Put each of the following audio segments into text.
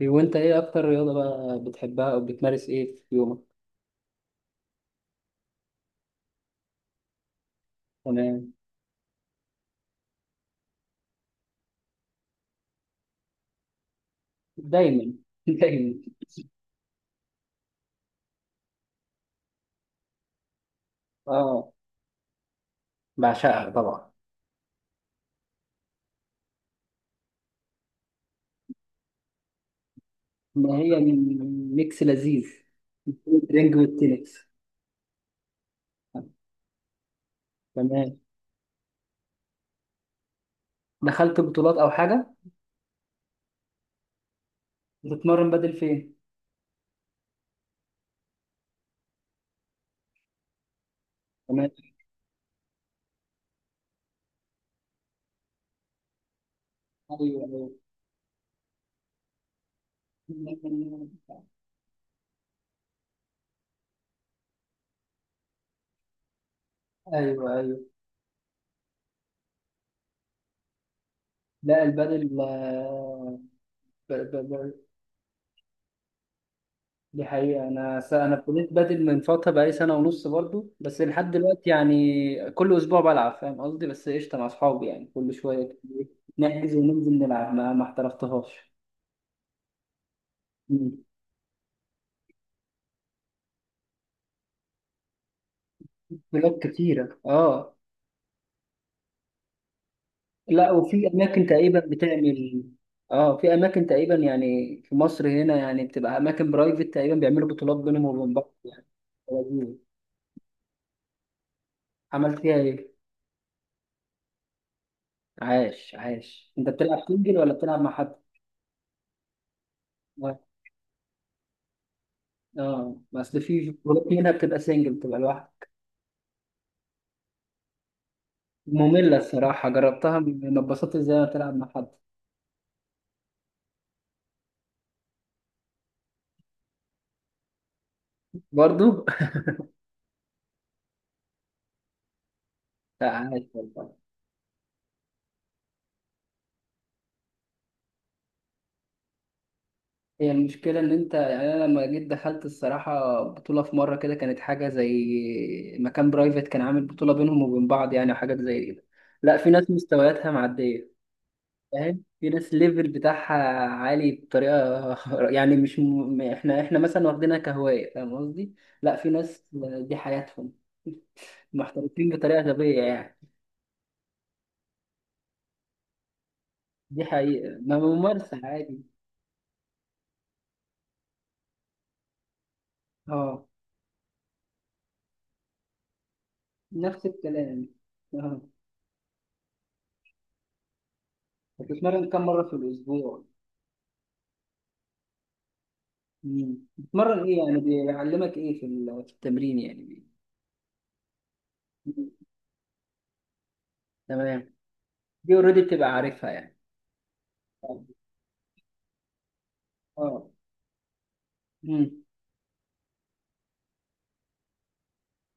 إيه وانت ايه اكتر رياضة بقى بتحبها او بتمارس ايه في يومك؟ انا دايما دايما اه. بعشقها طبعا. ما هي من ميكس لذيذ، الرينج والتنس. تمام. دخلت بطولات او حاجة؟ بتتمرن بدل فين؟ تمام. ايوه ايوه. ايوه ايوه. لا البدل ب- ب- ب- دي حقيقة. أنا ابتديت بادل من فترة بقالي سنة ونص برضو، بس لحد دلوقتي يعني كل أسبوع بلعب، فاهم قصدي؟ بس قشطة مع أصحابي يعني، كل شوية كده نحجز وننزل نلعب. ما احترفتهاش. مم. بلاد كتيرة اه. لا وفي أماكن تقريبا بتعمل. اه، في أماكن تقريبا يعني، في مصر هنا يعني بتبقى أماكن برايفت تقريبا بيعملوا بطولات بينهم وبين بعض يعني. لذيذ. عملت فيها إيه؟ عاش عاش. أنت بتلعب سنجل ولا بتلعب مع حد؟ اه بس في بطولات منها بتبقى سنجل، بتبقى لوحدك. مملة الصراحة، جربتها ما اتبسطتش زي ما بتلعب مع حد. برضو. لا عادي والله. هي المشكلة إن أنت يعني، أنا لما جيت دخلت الصراحة بطولة في مرة كده، كانت حاجة زي مكان برايفت كان عامل بطولة بينهم وبين بعض يعني، وحاجات زي كده. لا في ناس مستوياتها معدية، فاهم؟ في ناس الليفل بتاعها عالي بطريقة. يعني مش م... إحنا مثلا واخدينها كهواية، فاهم قصدي؟ لا في ناس دي حياتهم، محترفين بطريقة غبية يعني. دي حقيقة، ما ممارسة عادي. اه، نفس الكلام. اه، بتتمرن كم مرة في الأسبوع؟ مم. بتتمرن إيه يعني؟ بيعلمك إيه في في التمرين يعني؟ مم. تمام. دي أوريدي بتبقى عارفها يعني. اه. اه. مم.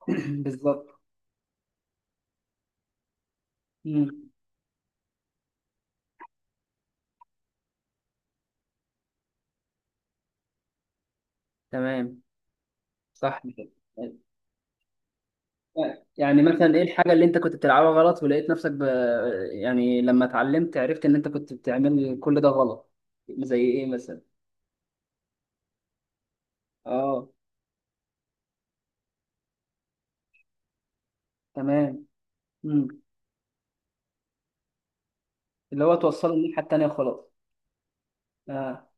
بالظبط. مم. تمام، صح كده. يعني مثلا ايه الحاجة اللي انت كنت بتلعبها غلط ولقيت نفسك يعني لما اتعلمت عرفت ان انت كنت بتعمل كل ده غلط. زي ايه مثلا؟ اه. تمام. امم، اللي هو توصله الناحية التانية خلاص. اه.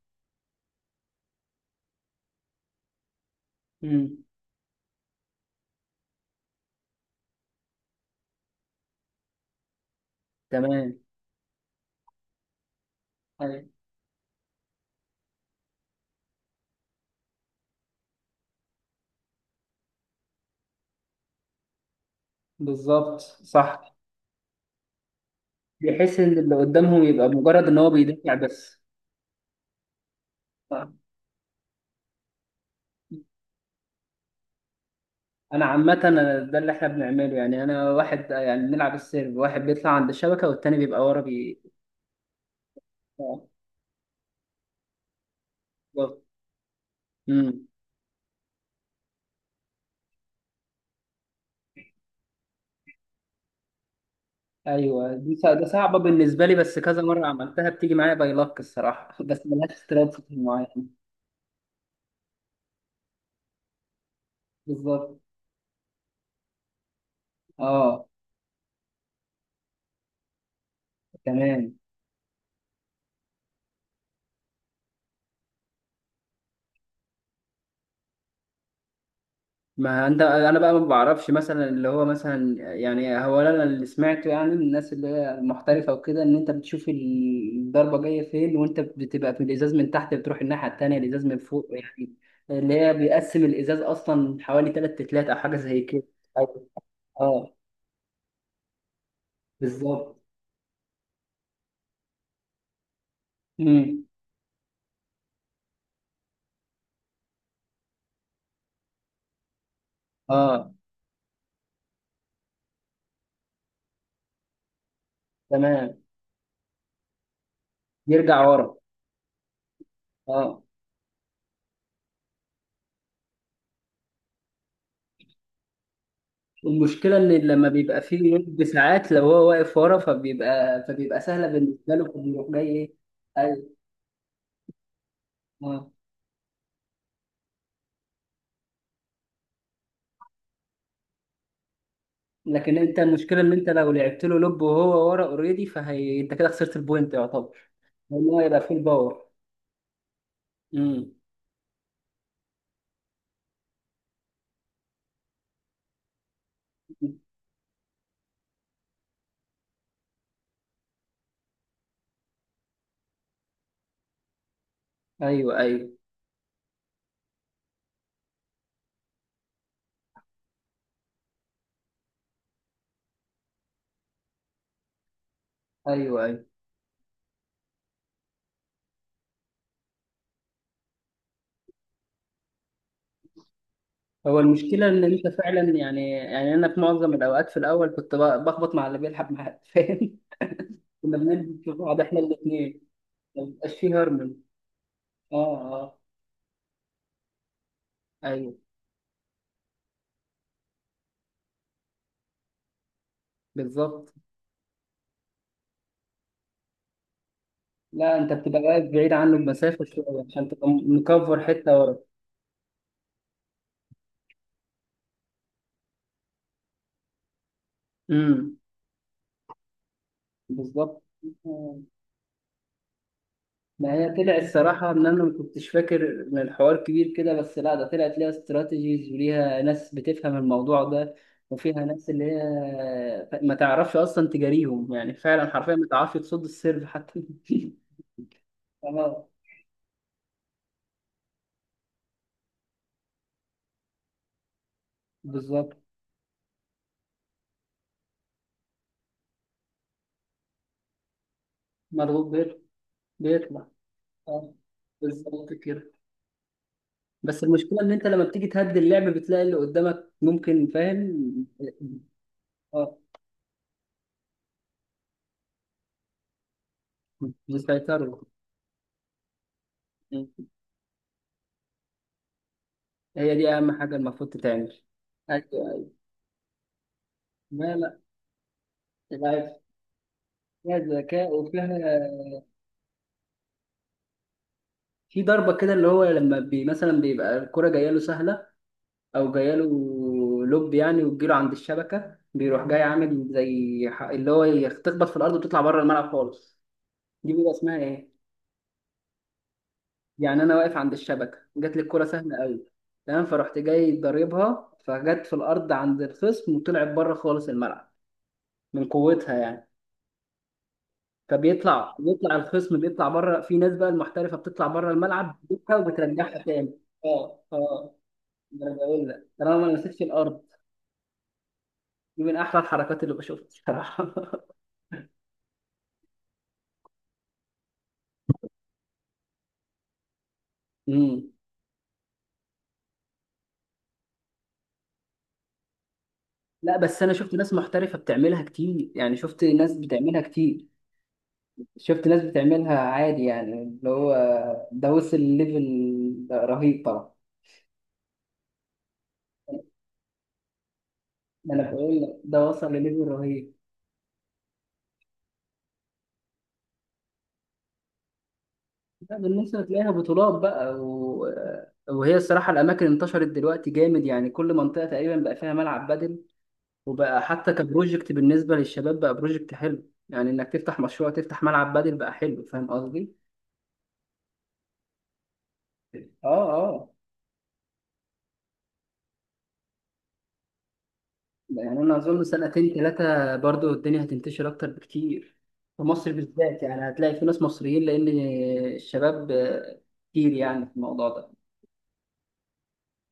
امم. تمام. أيوة، بالظبط، صح. بحيث ان اللي قدامهم يبقى مجرد ان هو بيدافع بس. آه. انا عامة، أنا ده اللي احنا بنعمله يعني. انا واحد يعني بنلعب السيرف، واحد بيطلع عند الشبكة والتاني بيبقى ورا بي. آه، بالظبط. امم. ايوه ده صعبة بالنسبة لي، بس كذا مرة عملتها، بتيجي معايا باي لك الصراحة، بس ملهاش استراتيجي معين. بالظبط. اه. تمام. ما انت انا بقى ما بعرفش مثلا، اللي هو مثلا، يعني هو انا اللي سمعته يعني من الناس اللي هي محترفه وكده، ان انت بتشوف الضربه جايه فين، وانت بتبقى في الازاز من تحت بتروح الناحيه التانيه الازاز من فوق يعني. اللي هي بيقسم الازاز اصلا حوالي تلات تلات او حاجه زي كده. أيوة. اه، بالظبط. امم. اه. تمام. يرجع ورا. اه. المشكله ان لما بيبقى فيه يد ساعات، لو هو واقف ورا فبيبقى سهله بالنسبه له فبيروح جاي ايه. ايوه. آه. لكن انت المشكله ان انت لو لعبت له لوب وهو ورا اوريدي، فهي انت كده خسرت البوينت يعتبر. لان هو يبقى فول باور. امم. ايوه ايوه ايوه ايوه. هو المشكله ان انت فعلا يعني، يعني انا في معظم الاوقات في الاول كنت بخبط مع اللي بيلعب معاه، فاهم؟ كنا بنلبس في بعض احنا الاثنين. ما بيبقاش فيه هرمون. اه. اه. ايوه، بالظبط. لا انت بتبقى واقف بعيد عنه بمسافه شويه عشان تبقى مكفر حته ورا. امم. بالظبط. ما هي طلع الصراحة إن أنا ما كنتش فاكر إن الحوار كبير كده، بس لا ده طلعت ليها استراتيجيز وليها ناس بتفهم الموضوع ده. وفيها ناس اللي هي ما تعرفش أصلا تجاريهم، يعني فعلا حرفيا ما تعرفش تصد السيرف حتى. اه، بالظبط. مضغوط بير، بيطلع. اه، بالظبط كده. بس المشكلة إن أنت لما بتيجي تهدي اللعب بتلاقي اللي قدامك ممكن، فاهم؟ اه. يسيطروا. هي دي أهم حاجة المفروض تتعمل. أيوة. ما لا، فيها ذكاء وفيها. في ضربة كده اللي هو لما بي مثلا بيبقى الكرة جاية له سهلة، أو جاية له لوب يعني، وتجيله عند الشبكة، بيروح جاي عامل زي اللي هو تخبط في الأرض وتطلع بره الملعب خالص. دي بيبقى اسمها إيه؟ يعني أنا واقف عند الشبكة جات لي الكرة سهلة أوي. تمام، فرحت جاي ضاربها فجت في الأرض عند الخصم وطلعت بره خالص الملعب، من قوتها يعني. فبيطلع الخصم بيطلع بره. في ناس بقى المحترفه بتطلع بره الملعب بتجيبها وبترجعها تاني. اه اه. ده انا بقول لك طالما ما لمستش الارض. دي من احلى الحركات اللي بشوفها بصراحه. امم. لا بس انا شفت ناس محترفه بتعملها كتير، يعني شفت ناس بتعملها كتير. شفت ناس بتعملها عادي يعني، اللي هو ده وصل لليفل رهيب طبعا. ده انا بقول لك ده وصل لليفل رهيب. لا، بالنسبة تلاقيها بطولات بقى وهي الصراحة الأماكن انتشرت دلوقتي جامد، يعني كل منطقة تقريبا بقى فيها ملعب بدل. وبقى حتى كبروجكت بالنسبة للشباب، بقى بروجكت حلو يعني، إنك تفتح مشروع تفتح ملعب بدل بقى حلو، فاهم قصدي؟ آه آه. يعني أنا أظن سنتين ثلاثة برضو الدنيا هتنتشر أكتر بكتير في مصر بالذات يعني، هتلاقي في ناس مصريين، لأن الشباب كتير يعني في الموضوع ده.